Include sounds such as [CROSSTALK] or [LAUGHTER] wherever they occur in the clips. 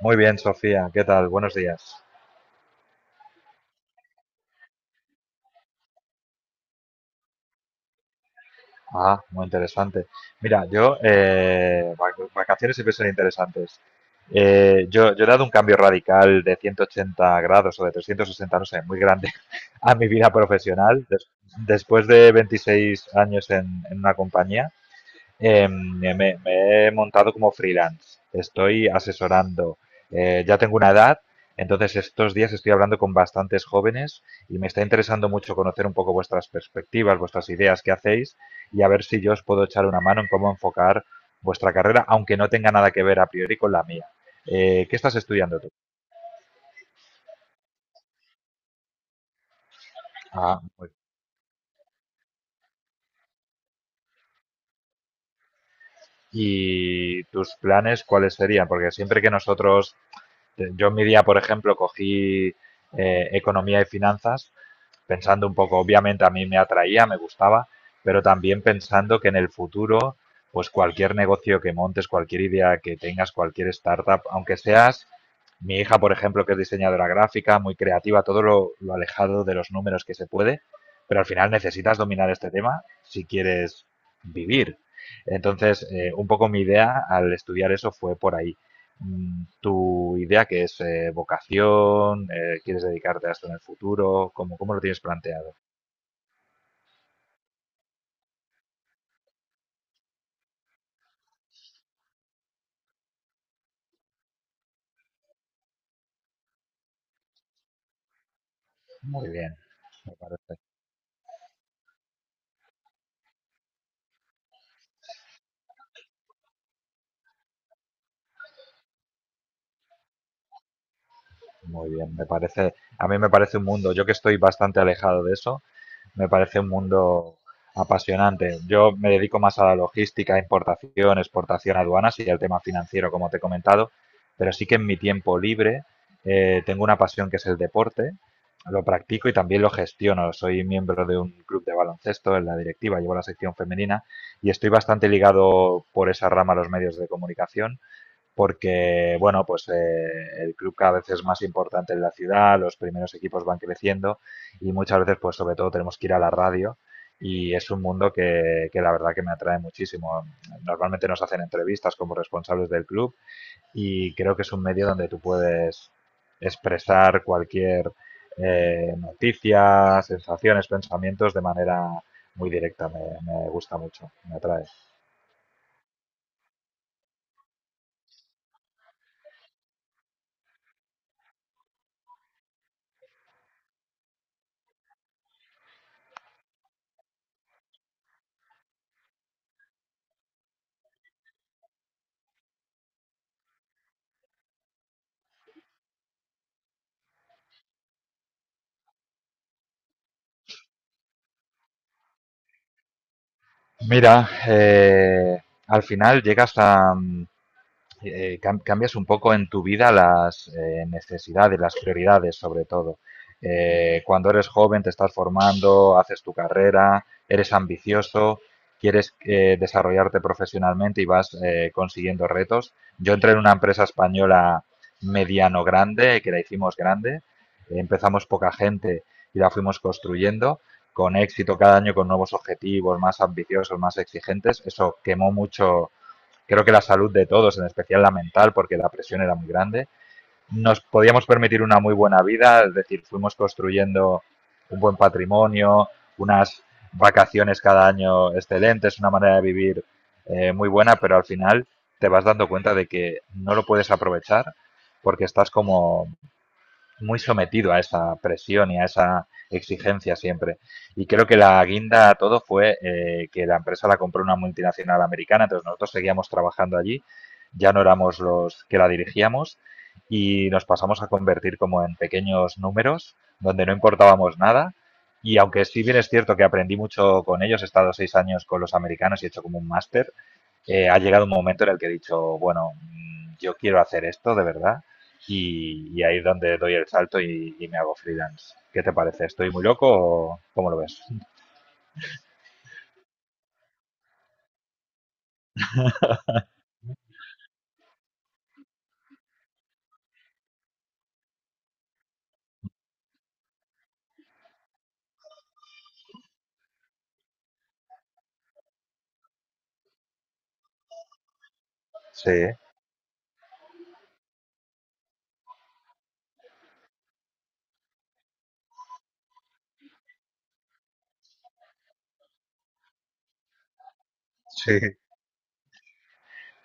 Muy bien, Sofía, ¿qué tal? Buenos días. Ah, muy interesante. Mira, yo, vacaciones siempre son interesantes. Yo he dado un cambio radical de 180 grados o de 360, no sé, muy grande [LAUGHS] a mi vida profesional. Después de 26 años en una compañía. Me he montado como freelance. Estoy asesorando. Ya tengo una edad, entonces estos días estoy hablando con bastantes jóvenes y me está interesando mucho conocer un poco vuestras perspectivas, vuestras ideas que hacéis, y a ver si yo os puedo echar una mano en cómo enfocar vuestra carrera, aunque no tenga nada que ver a priori con la mía. ¿Qué estás estudiando tú? Ah, muy bien. ¿Y tus planes cuáles serían? Porque siempre que nosotros, yo en mi día, por ejemplo, cogí economía y finanzas, pensando un poco, obviamente a mí me atraía, me gustaba, pero también pensando que en el futuro, pues cualquier negocio que montes, cualquier idea que tengas, cualquier startup, aunque seas mi hija, por ejemplo, que es diseñadora gráfica, muy creativa, todo lo alejado de los números que se puede, pero al final necesitas dominar este tema si quieres vivir. Entonces, un poco mi idea al estudiar eso fue por ahí. Tu idea, que es vocación, quieres dedicarte a esto en el futuro, ¿cómo, cómo lo tienes planteado? Muy bien, me parece. Muy bien, me parece, a mí me parece un mundo, yo que estoy bastante alejado de eso, me parece un mundo apasionante. Yo me dedico más a la logística, importación, exportación, aduanas y al tema financiero, como te he comentado, pero sí que en mi tiempo libre tengo una pasión que es el deporte, lo practico y también lo gestiono. Soy miembro de un club de baloncesto en la directiva, llevo la sección femenina y estoy bastante ligado por esa rama a los medios de comunicación porque, bueno, pues el club cada vez es más importante en la ciudad, los primeros equipos van creciendo y muchas veces, pues sobre todo, tenemos que ir a la radio, y es un mundo que la verdad que me atrae muchísimo. Normalmente nos hacen entrevistas como responsables del club y creo que es un medio donde tú puedes expresar cualquier noticia, sensaciones, pensamientos de manera muy directa. Me gusta mucho, me atrae. Mira, al final llegas a, cambias un poco en tu vida las necesidades, las prioridades sobre todo. Cuando eres joven te estás formando, haces tu carrera, eres ambicioso, quieres desarrollarte profesionalmente y vas consiguiendo retos. Yo entré en una empresa española mediano grande, que la hicimos grande, empezamos poca gente y la fuimos construyendo con éxito cada año, con nuevos objetivos más ambiciosos, más exigentes. Eso quemó mucho, creo que la salud de todos, en especial la mental, porque la presión era muy grande, nos podíamos permitir una muy buena vida, es decir, fuimos construyendo un buen patrimonio, unas vacaciones cada año excelentes, una manera de vivir muy buena, pero al final te vas dando cuenta de que no lo puedes aprovechar porque estás como muy sometido a esa presión y a esa exigencia siempre. Y creo que la guinda a todo fue que la empresa la compró una multinacional americana, entonces nosotros seguíamos trabajando allí, ya no éramos los que la dirigíamos y nos pasamos a convertir como en pequeños números donde no importábamos nada. Y aunque sí bien es cierto que aprendí mucho con ellos, he estado 6 años con los americanos y he hecho como un máster, ha llegado un momento en el que he dicho, bueno, yo quiero hacer esto de verdad, y ahí es donde doy el salto y me hago freelance. ¿Qué te parece? ¿Estoy muy loco o cómo lo ves? Sí, sí.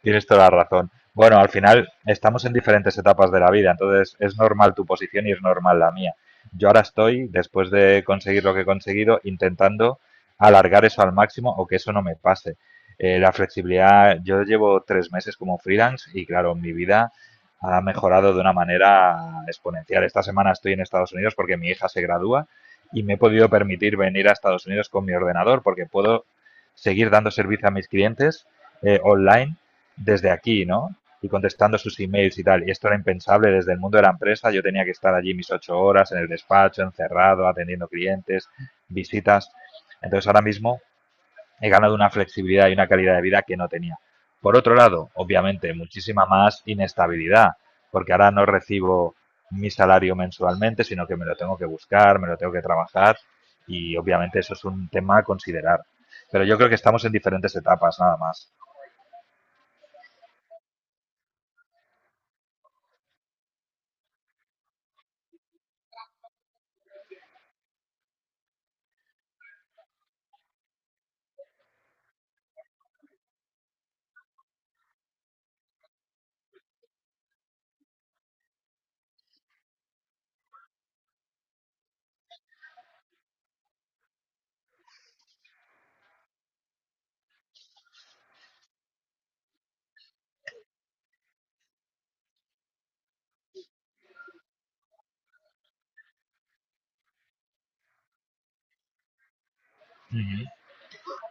Tienes toda la razón. Bueno, al final estamos en diferentes etapas de la vida, entonces es normal tu posición y es normal la mía. Yo ahora estoy, después de conseguir lo que he conseguido, intentando alargar eso al máximo o que eso no me pase. La flexibilidad, yo llevo 3 meses como freelance y claro, mi vida ha mejorado de una manera exponencial. Esta semana estoy en Estados Unidos porque mi hija se gradúa y me he podido permitir venir a Estados Unidos con mi ordenador porque puedo seguir dando servicio a mis clientes online desde aquí, ¿no? Y contestando sus emails y tal. Y esto era impensable desde el mundo de la empresa. Yo tenía que estar allí mis 8 horas en el despacho, encerrado, atendiendo clientes, visitas. Entonces ahora mismo he ganado una flexibilidad y una calidad de vida que no tenía. Por otro lado, obviamente, muchísima más inestabilidad, porque ahora no recibo mi salario mensualmente, sino que me lo tengo que buscar, me lo tengo que trabajar, y obviamente eso es un tema a considerar. Pero yo creo que estamos en diferentes etapas, nada más.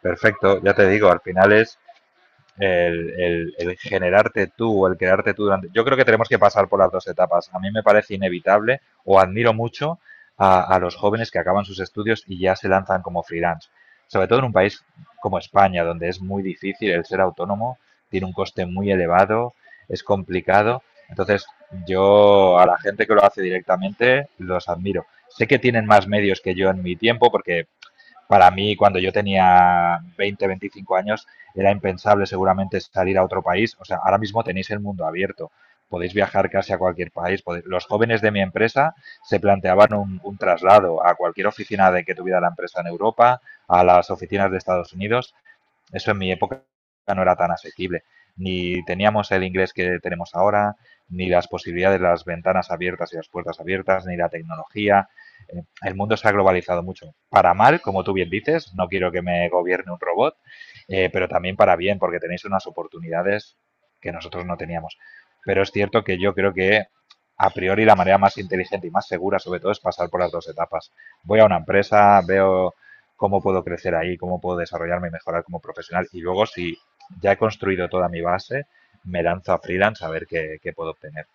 Perfecto, ya te digo, al final es el generarte tú, el crearte tú durante. Yo creo que tenemos que pasar por las dos etapas. A mí me parece inevitable o admiro mucho a los jóvenes que acaban sus estudios y ya se lanzan como freelance. Sobre todo en un país como España, donde es muy difícil el ser autónomo, tiene un coste muy elevado, es complicado. Entonces, yo a la gente que lo hace directamente los admiro. Sé que tienen más medios que yo en mi tiempo, porque para mí, cuando yo tenía 20, 25 años, era impensable seguramente salir a otro país. O sea, ahora mismo tenéis el mundo abierto. Podéis viajar casi a cualquier país. Podéis- Los jóvenes de mi empresa se planteaban un traslado a cualquier oficina de que tuviera la empresa en Europa, a las oficinas de Estados Unidos. Eso en mi época no era tan asequible. Ni teníamos el inglés que tenemos ahora, ni las posibilidades de las ventanas abiertas y las puertas abiertas, ni la tecnología. El mundo se ha globalizado mucho. Para mal, como tú bien dices, no quiero que me gobierne un robot, pero también para bien, porque tenéis unas oportunidades que nosotros no teníamos. Pero es cierto que yo creo que a priori la manera más inteligente y más segura sobre todo es pasar por las dos etapas. Voy a una empresa, veo cómo puedo crecer ahí, cómo puedo desarrollarme y mejorar como profesional. Y luego, si ya he construido toda mi base, me lanzo a freelance a ver qué, qué puedo obtener.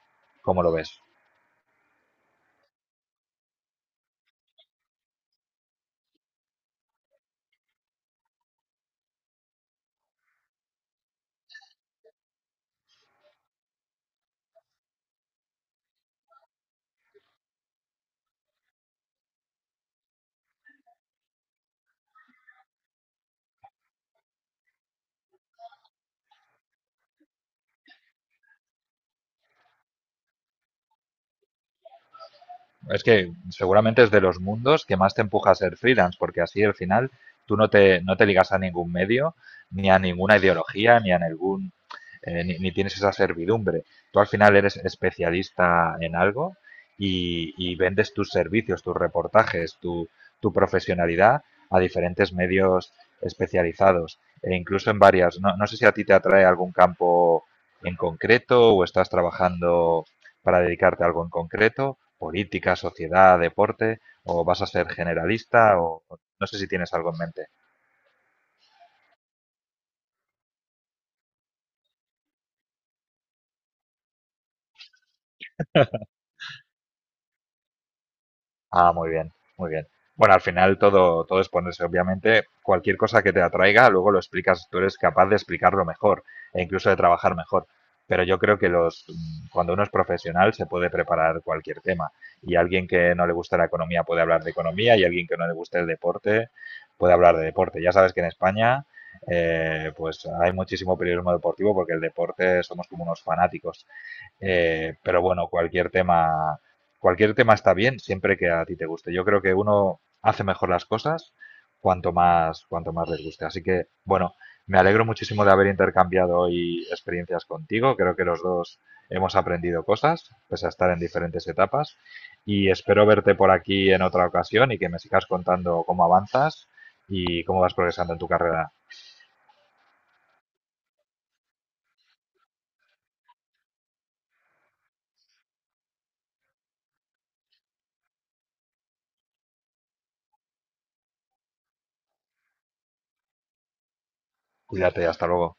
¿Cómo lo ves? Es que seguramente es de los mundos que más te empuja a ser freelance, porque así al final tú no te ligas a ningún medio, ni a ninguna ideología, ni a ningún, ni tienes esa servidumbre. Tú al final eres especialista en algo y vendes tus servicios, tus reportajes, tu profesionalidad a diferentes medios especializados e incluso en varias. No, no sé si a ti te atrae algún campo en concreto o estás trabajando para dedicarte a algo en concreto, política, sociedad, deporte, o vas a ser generalista, o no sé si tienes algo en mente. Ah, muy bien, muy bien. Bueno, al final todo, todo es ponerse. Obviamente, cualquier cosa que te atraiga, luego lo explicas. Tú eres capaz de explicarlo mejor e incluso de trabajar mejor. Pero yo creo que los, cuando uno es profesional se puede preparar cualquier tema. Y alguien que no le gusta la economía puede hablar de economía y alguien que no le guste el deporte puede hablar de deporte. Ya sabes que en España pues hay muchísimo periodismo deportivo porque el deporte somos como unos fanáticos. Pero bueno, cualquier tema está bien siempre que a ti te guste. Yo creo que uno hace mejor las cosas cuanto más les guste. Así que, bueno, me alegro muchísimo de haber intercambiado hoy experiencias contigo. Creo que los dos hemos aprendido cosas, pese a estar en diferentes etapas. Y espero verte por aquí en otra ocasión y que me sigas contando cómo avanzas y cómo vas progresando en tu carrera. Cuídate, hasta luego.